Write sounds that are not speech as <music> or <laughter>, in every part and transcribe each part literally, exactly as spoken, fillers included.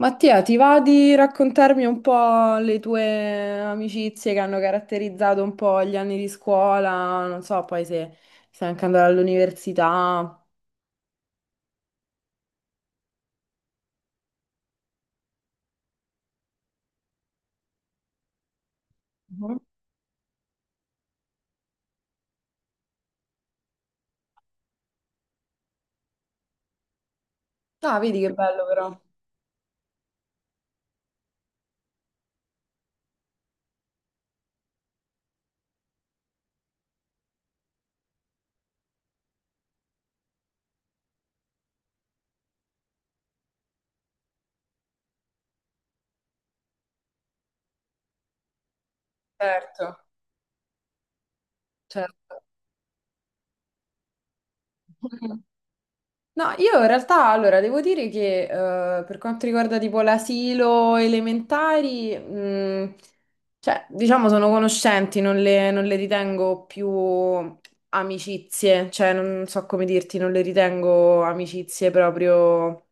Mattia, ti va di raccontarmi un po' le tue amicizie che hanno caratterizzato un po' gli anni di scuola? Non so, poi se stai anche andando all'università. Mhm. Ah, vedi che bello però. Certo, certo. <laughs> No, io in realtà, allora, devo dire che eh, per quanto riguarda tipo l'asilo elementari, mh, cioè, diciamo, sono conoscenti, non le, non le ritengo più amicizie, cioè, non so come dirti, non le ritengo amicizie proprio.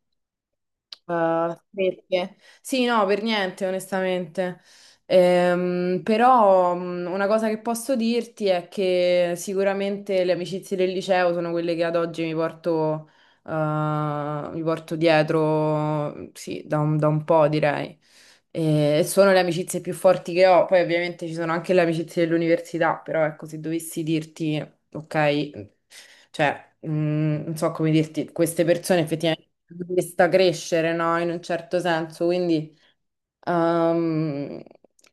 Ah, perché? Sì, no, per niente, onestamente. Ehm, però mh, una cosa che posso dirti è che sicuramente le amicizie del liceo sono quelle che ad oggi mi porto, eh, mi porto dietro, sì, da un, da un po', direi. E sono le amicizie più forti che ho. Poi ovviamente ci sono anche le amicizie dell'università, però ecco, se dovessi dirti ok? Cioè, mm, non so come dirti, queste persone effettivamente hanno visto crescere, no? In un certo senso, quindi ehm,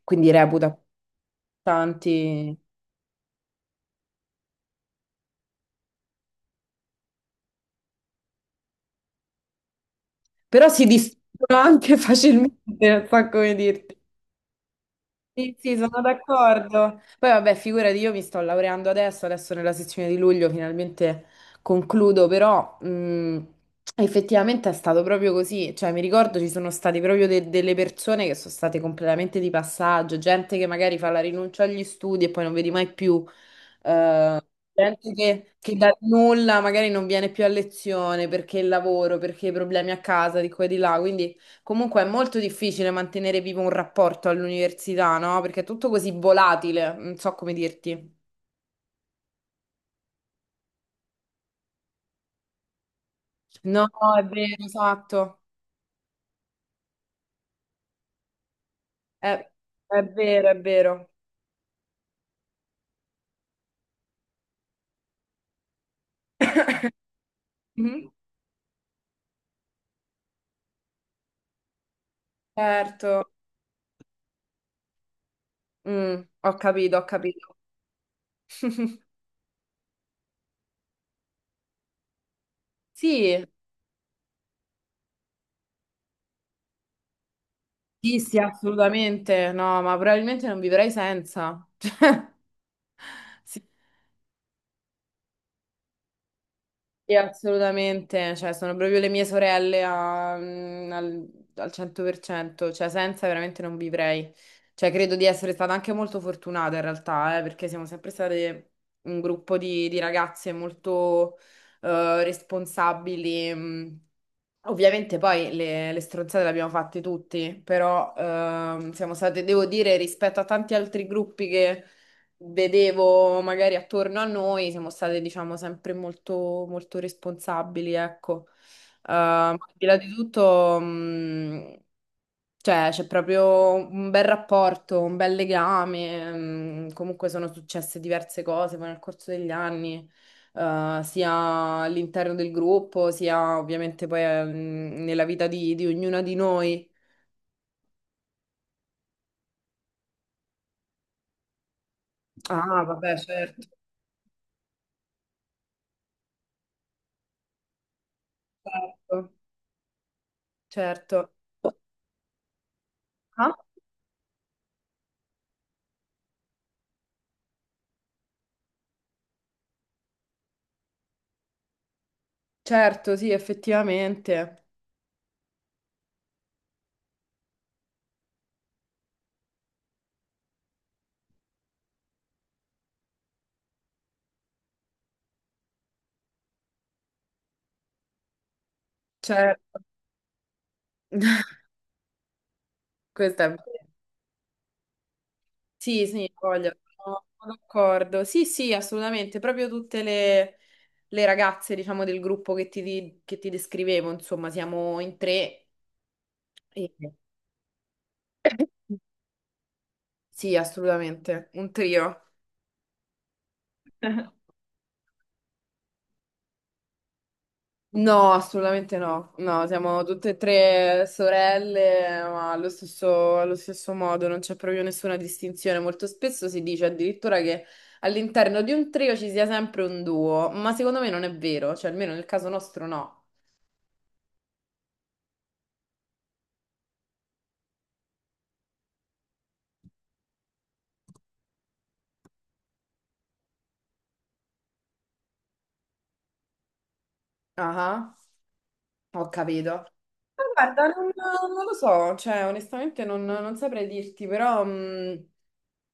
quindi reputo importanti, però si distruggono anche <laughs> facilmente, non so come dirti. Sì, sì, sono d'accordo. Poi vabbè, figurati, io mi sto laureando adesso, adesso nella sezione di luglio finalmente concludo, però mh, effettivamente è stato proprio così. Cioè, mi ricordo ci sono state proprio de- delle persone che sono state completamente di passaggio, gente che magari fa la rinuncia agli studi e poi non vedi mai più. Eh, Gente che, che dal nulla magari non viene più a lezione perché il lavoro, perché i problemi a casa di qua e di là. Quindi comunque è molto difficile mantenere vivo un rapporto all'università, no? Perché è tutto così volatile, non so come dirti. No, è vero, esatto. È, è vero, è vero. Mhm. Certo. Mm, ho capito, ho capito. <laughs> Sì, sì, sì, assolutamente. No, ma probabilmente non vivrei senza. <laughs> Cioè, sì. Sì, assolutamente, cioè sono proprio le mie sorelle a- mm, al, al cento per cento, cioè senza veramente non vivrei. Cioè credo di essere stata anche molto fortunata in realtà, eh, perché siamo sempre state un gruppo di, di ragazze molto eh, responsabili. Mm. Ovviamente poi le, le stronzate le abbiamo fatte tutti, però ehm, siamo state, devo dire, rispetto a tanti altri gruppi che vedevo magari attorno a noi, siamo state, diciamo, sempre molto, molto responsabili, ecco. Eh, ma al di là di tutto, mh, cioè, c'è proprio un bel rapporto, un bel legame. Mh, comunque sono successe diverse cose poi nel corso degli anni. Eh, sia all'interno del gruppo, sia ovviamente poi eh, mh, nella vita di, di ognuna di noi. Ah, vabbè, certo, certo, certo. Ah? Certo, sì, effettivamente. Certo. <laughs> Questa è vera. Sì, sì, voglio, sono sono d'accordo. Sì, sì, assolutamente. Proprio tutte le, le ragazze, diciamo, del gruppo che ti, di- che ti descrivevo, insomma, siamo in tre. e- <laughs> Sì, assolutamente. Un trio. <laughs> No, assolutamente no. No, siamo tutte e tre sorelle, ma allo stesso, allo stesso modo, non c'è proprio nessuna distinzione. Molto spesso si dice addirittura che all'interno di un trio ci sia sempre un duo, ma secondo me non è vero, cioè almeno nel caso nostro no. Ah. Ho capito. Ma guarda, non, non lo so, cioè onestamente non, non saprei dirti, però mh,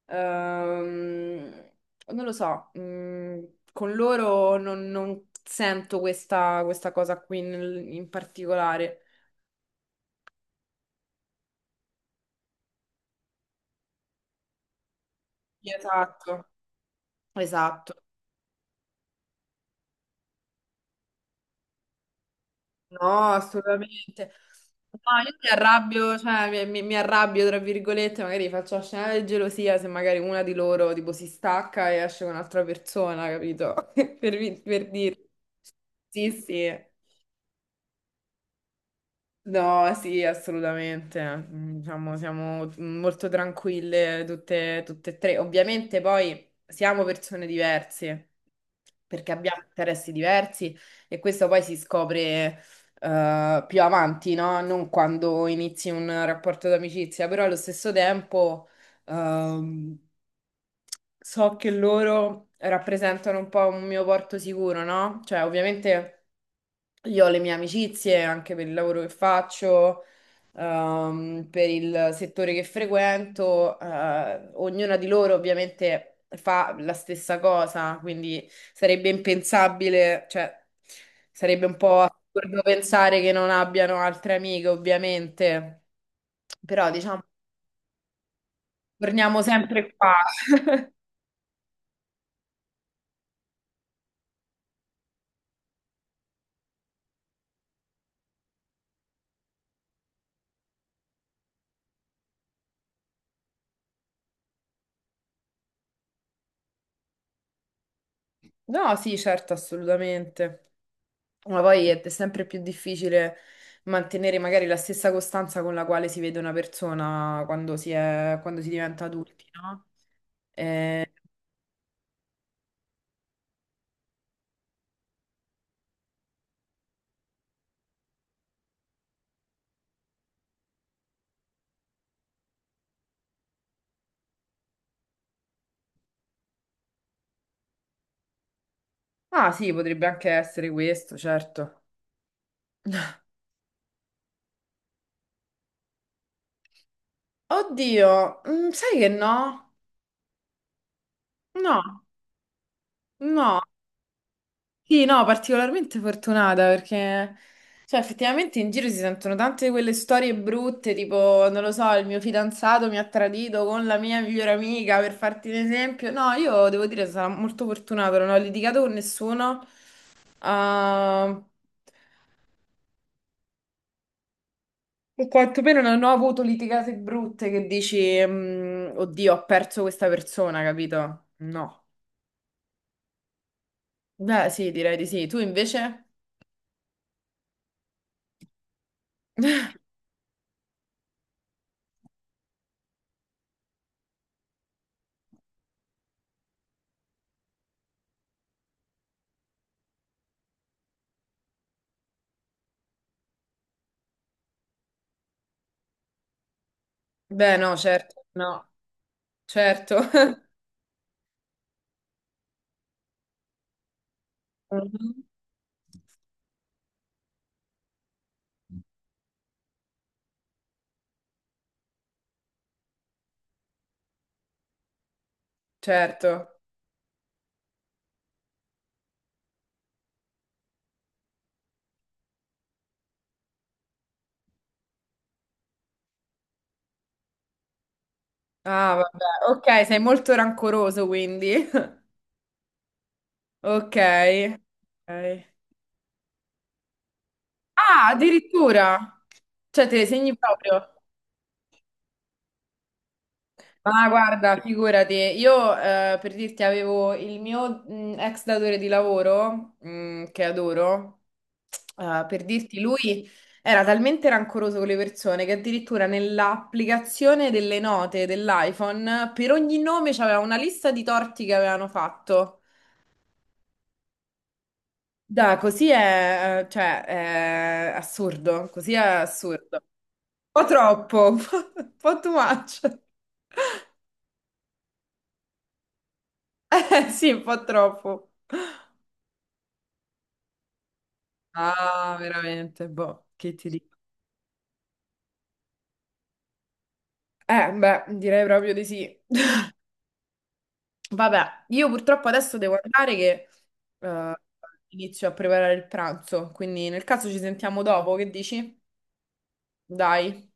ehm, non lo so, mh, con loro non, non sento questa, questa cosa qui nel- in particolare. Esatto. Esatto. No, assolutamente. No, io mi arrabbio, cioè mi, mi- mi arrabbio tra virgolette, magari faccio scenare di gelosia se magari una di loro tipo si stacca e esce con un'altra persona, capito? <laughs> Per, vi- per dire. Sì, sì. No, sì, assolutamente. Mm, Diciamo, siamo molto tranquille tutte, tutte e tre. Ovviamente poi siamo persone diverse, perché abbiamo interessi diversi e questo poi si scopre eh, più avanti, no? Non quando inizi un rapporto d'amicizia, però allo stesso tempo. Ehm, so che loro rappresentano un po' un mio porto sicuro, no? Cioè, ovviamente io ho le mie amicizie anche per il lavoro che faccio, ehm, per il settore che frequento, eh, ognuna di loro ovviamente fa la stessa cosa, quindi sarebbe impensabile, cioè sarebbe un po' assurdo pensare che non abbiano altre amiche, ovviamente, però diciamo, torniamo sempre qua. No, sì, certo, assolutamente. Ma poi è sempre più difficile mantenere magari la stessa costanza con la quale si vede una persona quando si è, quando si diventa adulti, no? Eh, ah, sì, potrebbe anche essere questo, certo. Oddio, mm, sai che no? No, no. Sì, no, particolarmente fortunata perché, cioè, effettivamente in giro si sentono tante di quelle storie brutte, tipo, non lo so, il mio fidanzato mi ha tradito con la mia migliore amica, per farti un esempio. No, io devo dire, sarò molto fortunata, non ho litigato con nessuno, o o quantomeno non ho avuto litigate brutte che dici, mm, oddio, ho perso questa persona, capito? No. Beh, sì, direi di sì. Tu invece? <laughs> Beh, no, certo, no, certo. <laughs> Certo. Ah, vabbè. Ok, sei molto rancoroso quindi. <laughs> Ok. Ok. Ah, addirittura. Cioè, te le segni proprio. Ma guarda, figurati, io eh, per dirti avevo il mio mh, ex datore di lavoro, mh, che adoro, eh, per dirti lui era talmente rancoroso con le persone che addirittura nell'applicazione delle note dell'iPhone per ogni nome c'aveva una lista di torti che avevano fatto. Da, così è, eh, cioè, è assurdo, così è assurdo. Un po' troppo, <laughs> un po' un po' too much. <laughs> Eh, sì, un po' troppo. Ah, veramente, boh, che ti dico. Eh, beh, direi proprio di sì. <laughs> Vabbè, io purtroppo adesso devo andare che eh, inizio a preparare il pranzo, quindi nel caso ci sentiamo dopo, che dici? Dai.